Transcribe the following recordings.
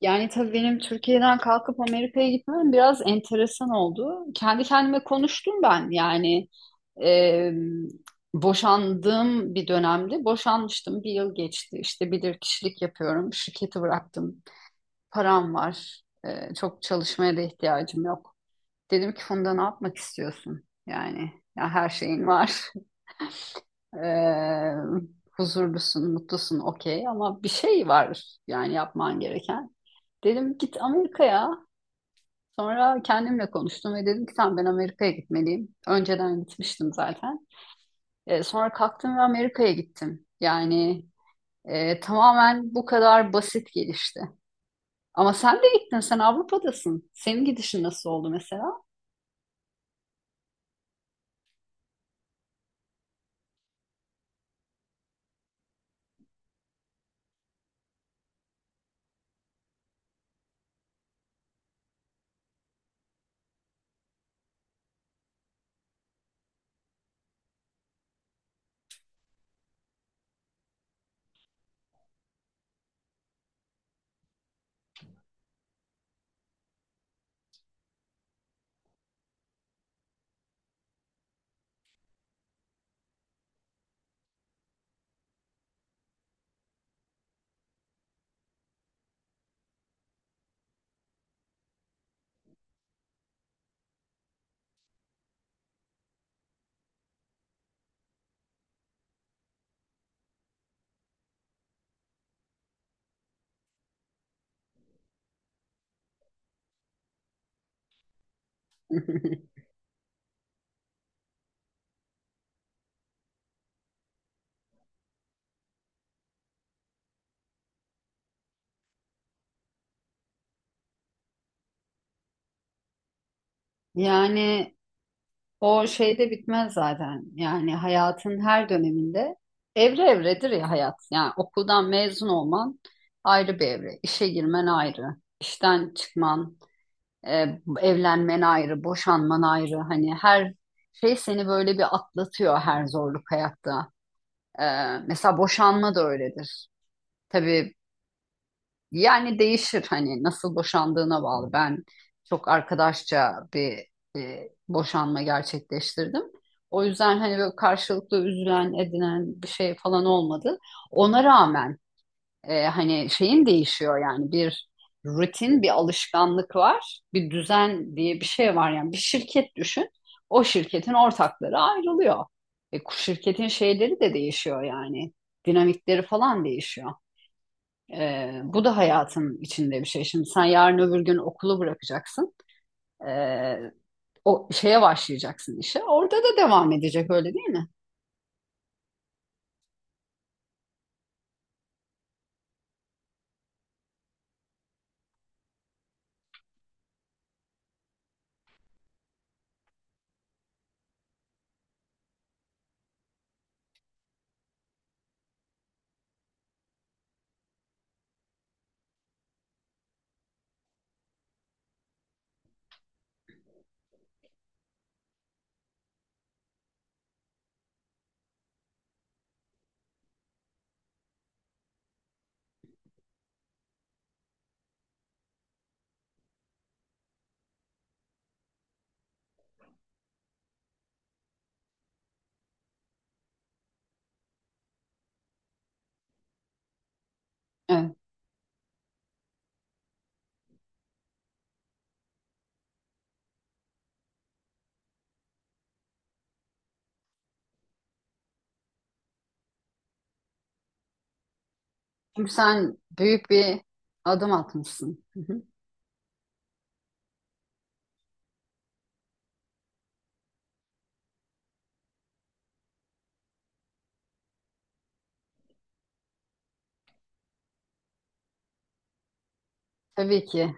Yani tabii benim Türkiye'den kalkıp Amerika'ya gitmem biraz enteresan oldu. Kendi kendime konuştum ben, yani e, boşandığım bir dönemde boşanmıştım. Bir yıl geçti, işte bilirkişilik yapıyorum, şirketi bıraktım, param var, çok çalışmaya da ihtiyacım yok. Dedim ki, Funda, ne yapmak istiyorsun, yani? Ya, her şeyin var. E, huzurlusun, mutlusun, okey, ama bir şey var yani, yapman gereken. Dedim, git Amerika'ya. Sonra kendimle konuştum ve dedim ki, tamam, ben Amerika'ya gitmeliyim. Önceden gitmiştim zaten. Sonra kalktım ve Amerika'ya gittim. Yani tamamen bu kadar basit gelişti. Ama sen de gittin, sen Avrupa'dasın. Senin gidişin nasıl oldu mesela? Yani o şey de bitmez zaten. Yani hayatın her döneminde evre evredir ya, hayat. Yani okuldan mezun olman ayrı bir evre. İşe girmen ayrı. İşten çıkman, evlenmen ayrı, boşanman ayrı. Hani her şey seni böyle bir atlatıyor, her zorluk hayatta. E, mesela boşanma da öyledir. Tabii, yani değişir, hani nasıl boşandığına bağlı. Ben çok arkadaşça bir boşanma gerçekleştirdim. O yüzden hani böyle karşılıklı üzülen, edinen bir şey falan olmadı. Ona rağmen hani şeyin değişiyor yani, bir rutin, bir alışkanlık var, bir düzen diye bir şey var, yani bir şirket düşün, o şirketin ortakları ayrılıyor. Şirketin şeyleri de değişiyor, yani dinamikleri falan değişiyor. Bu da hayatın içinde bir şey. Şimdi sen yarın öbür gün okulu bırakacaksın, e, o şeye başlayacaksın, işe, orada da devam edecek, öyle değil mi? Evet. Çünkü sen büyük bir adım atmışsın. Hı hı. Tabii ki.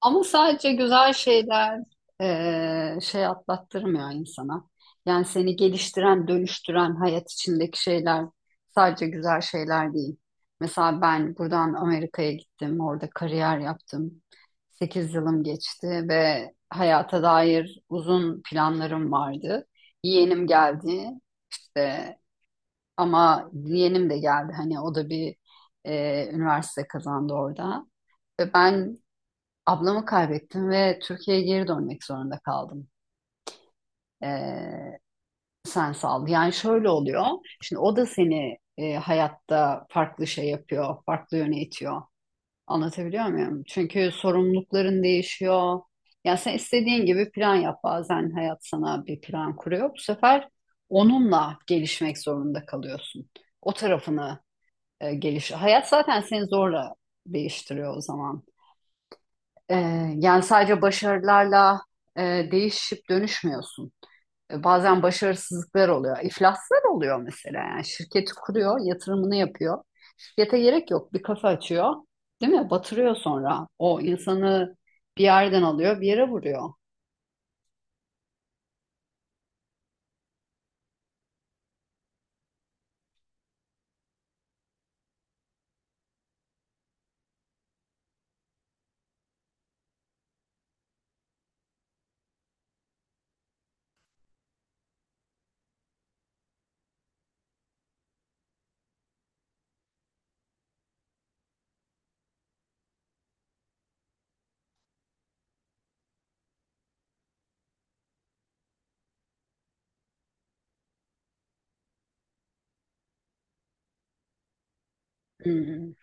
Ama sadece güzel şeyler şey atlattırmıyor insana. Yani seni geliştiren, dönüştüren hayat içindeki şeyler sadece güzel şeyler değil. Mesela ben buradan Amerika'ya gittim, orada kariyer yaptım. 8 yılım geçti ve hayata dair uzun planlarım vardı. Yeğenim geldi işte, ama yeğenim de geldi, hani o da bir üniversite kazandı orada. Ve ben ablamı kaybettim ve Türkiye'ye geri dönmek zorunda kaldım. Ee, sen sağ. Yani şöyle oluyor. Şimdi o da seni hayatta farklı şey yapıyor, farklı yöne itiyor. Anlatabiliyor muyum? Çünkü sorumlulukların değişiyor. Yani sen istediğin gibi plan yap. Bazen hayat sana bir plan kuruyor. Bu sefer onunla gelişmek zorunda kalıyorsun. O tarafını geliş. Hayat zaten seni zorla değiştiriyor o zaman. Ee, Yani sadece başarılarla değişip dönüşmüyorsun. Bazen başarısızlıklar oluyor, iflaslar oluyor mesela. Yani şirketi kuruyor, yatırımını yapıyor. Şirkete gerek yok, bir kafa açıyor, değil mi? Batırıyor sonra. O insanı bir yerden alıyor, bir yere vuruyor. Hı, hı.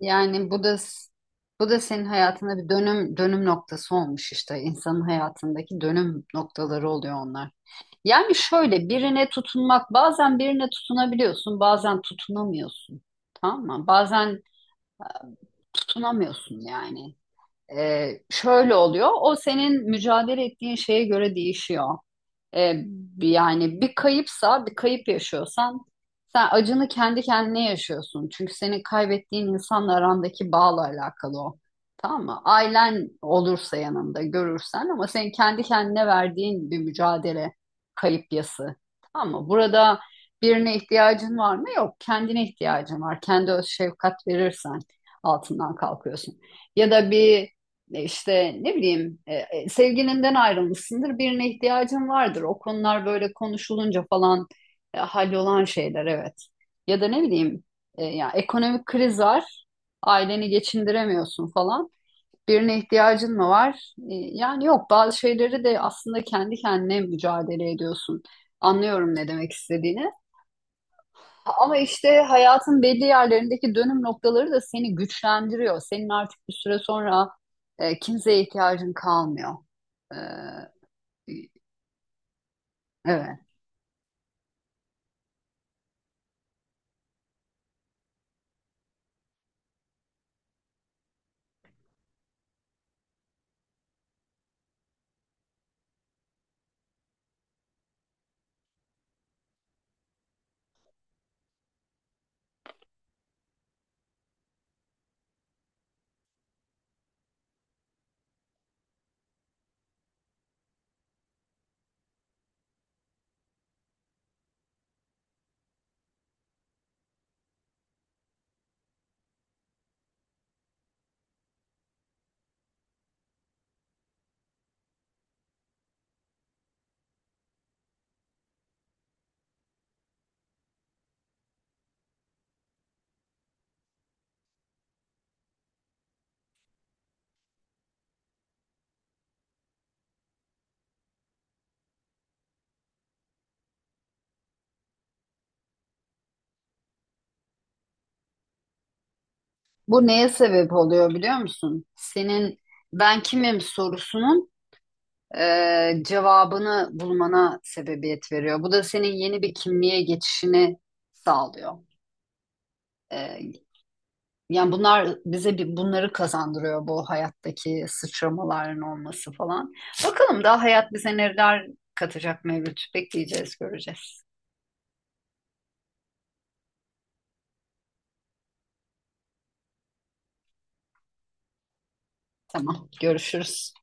Yani bu da senin hayatında bir dönüm noktası olmuş, işte insanın hayatındaki dönüm noktaları oluyor onlar. Yani şöyle, birine tutunmak, bazen birine tutunabiliyorsun, bazen tutunamıyorsun, tamam mı? Bazen tutunamıyorsun yani. Şöyle oluyor, o senin mücadele ettiğin şeye göre değişiyor. E, Yani bir kayıpsa, bir kayıp yaşıyorsan, sen acını kendi kendine yaşıyorsun. Çünkü senin kaybettiğin insanla arandaki bağla alakalı o. Tamam mı? Ailen olursa, yanında görürsen, ama senin kendi kendine verdiğin bir mücadele, kayıp yası. Tamam mı? Burada birine ihtiyacın var mı? Yok. Kendine ihtiyacın var. Kendi öz şefkat verirsen altından kalkıyorsun. Ya da bir, işte ne bileyim, sevgilinden ayrılmışsındır, birine ihtiyacın vardır. O konular böyle konuşulunca falan hallolan şeyler, evet. Ya da ne bileyim, ya ekonomik kriz var, aileni geçindiremiyorsun falan. Birine ihtiyacın mı var? Yani yok, bazı şeyleri de aslında kendi kendine mücadele ediyorsun. Anlıyorum ne demek istediğini. Ama işte hayatın belli yerlerindeki dönüm noktaları da seni güçlendiriyor. Senin artık bir süre sonra kimseye ihtiyacın kalmıyor. E, evet. Bu neye sebep oluyor, biliyor musun? Senin "ben kimim" sorusunun cevabını bulmana sebebiyet veriyor. Bu da senin yeni bir kimliğe geçişini sağlıyor. E, Yani bunlar bize bunları kazandırıyor, bu hayattaki sıçramaların olması falan. Bakalım daha hayat bize neler katacak, Mevlüt. Bekleyeceğiz, göreceğiz. Tamam, görüşürüz.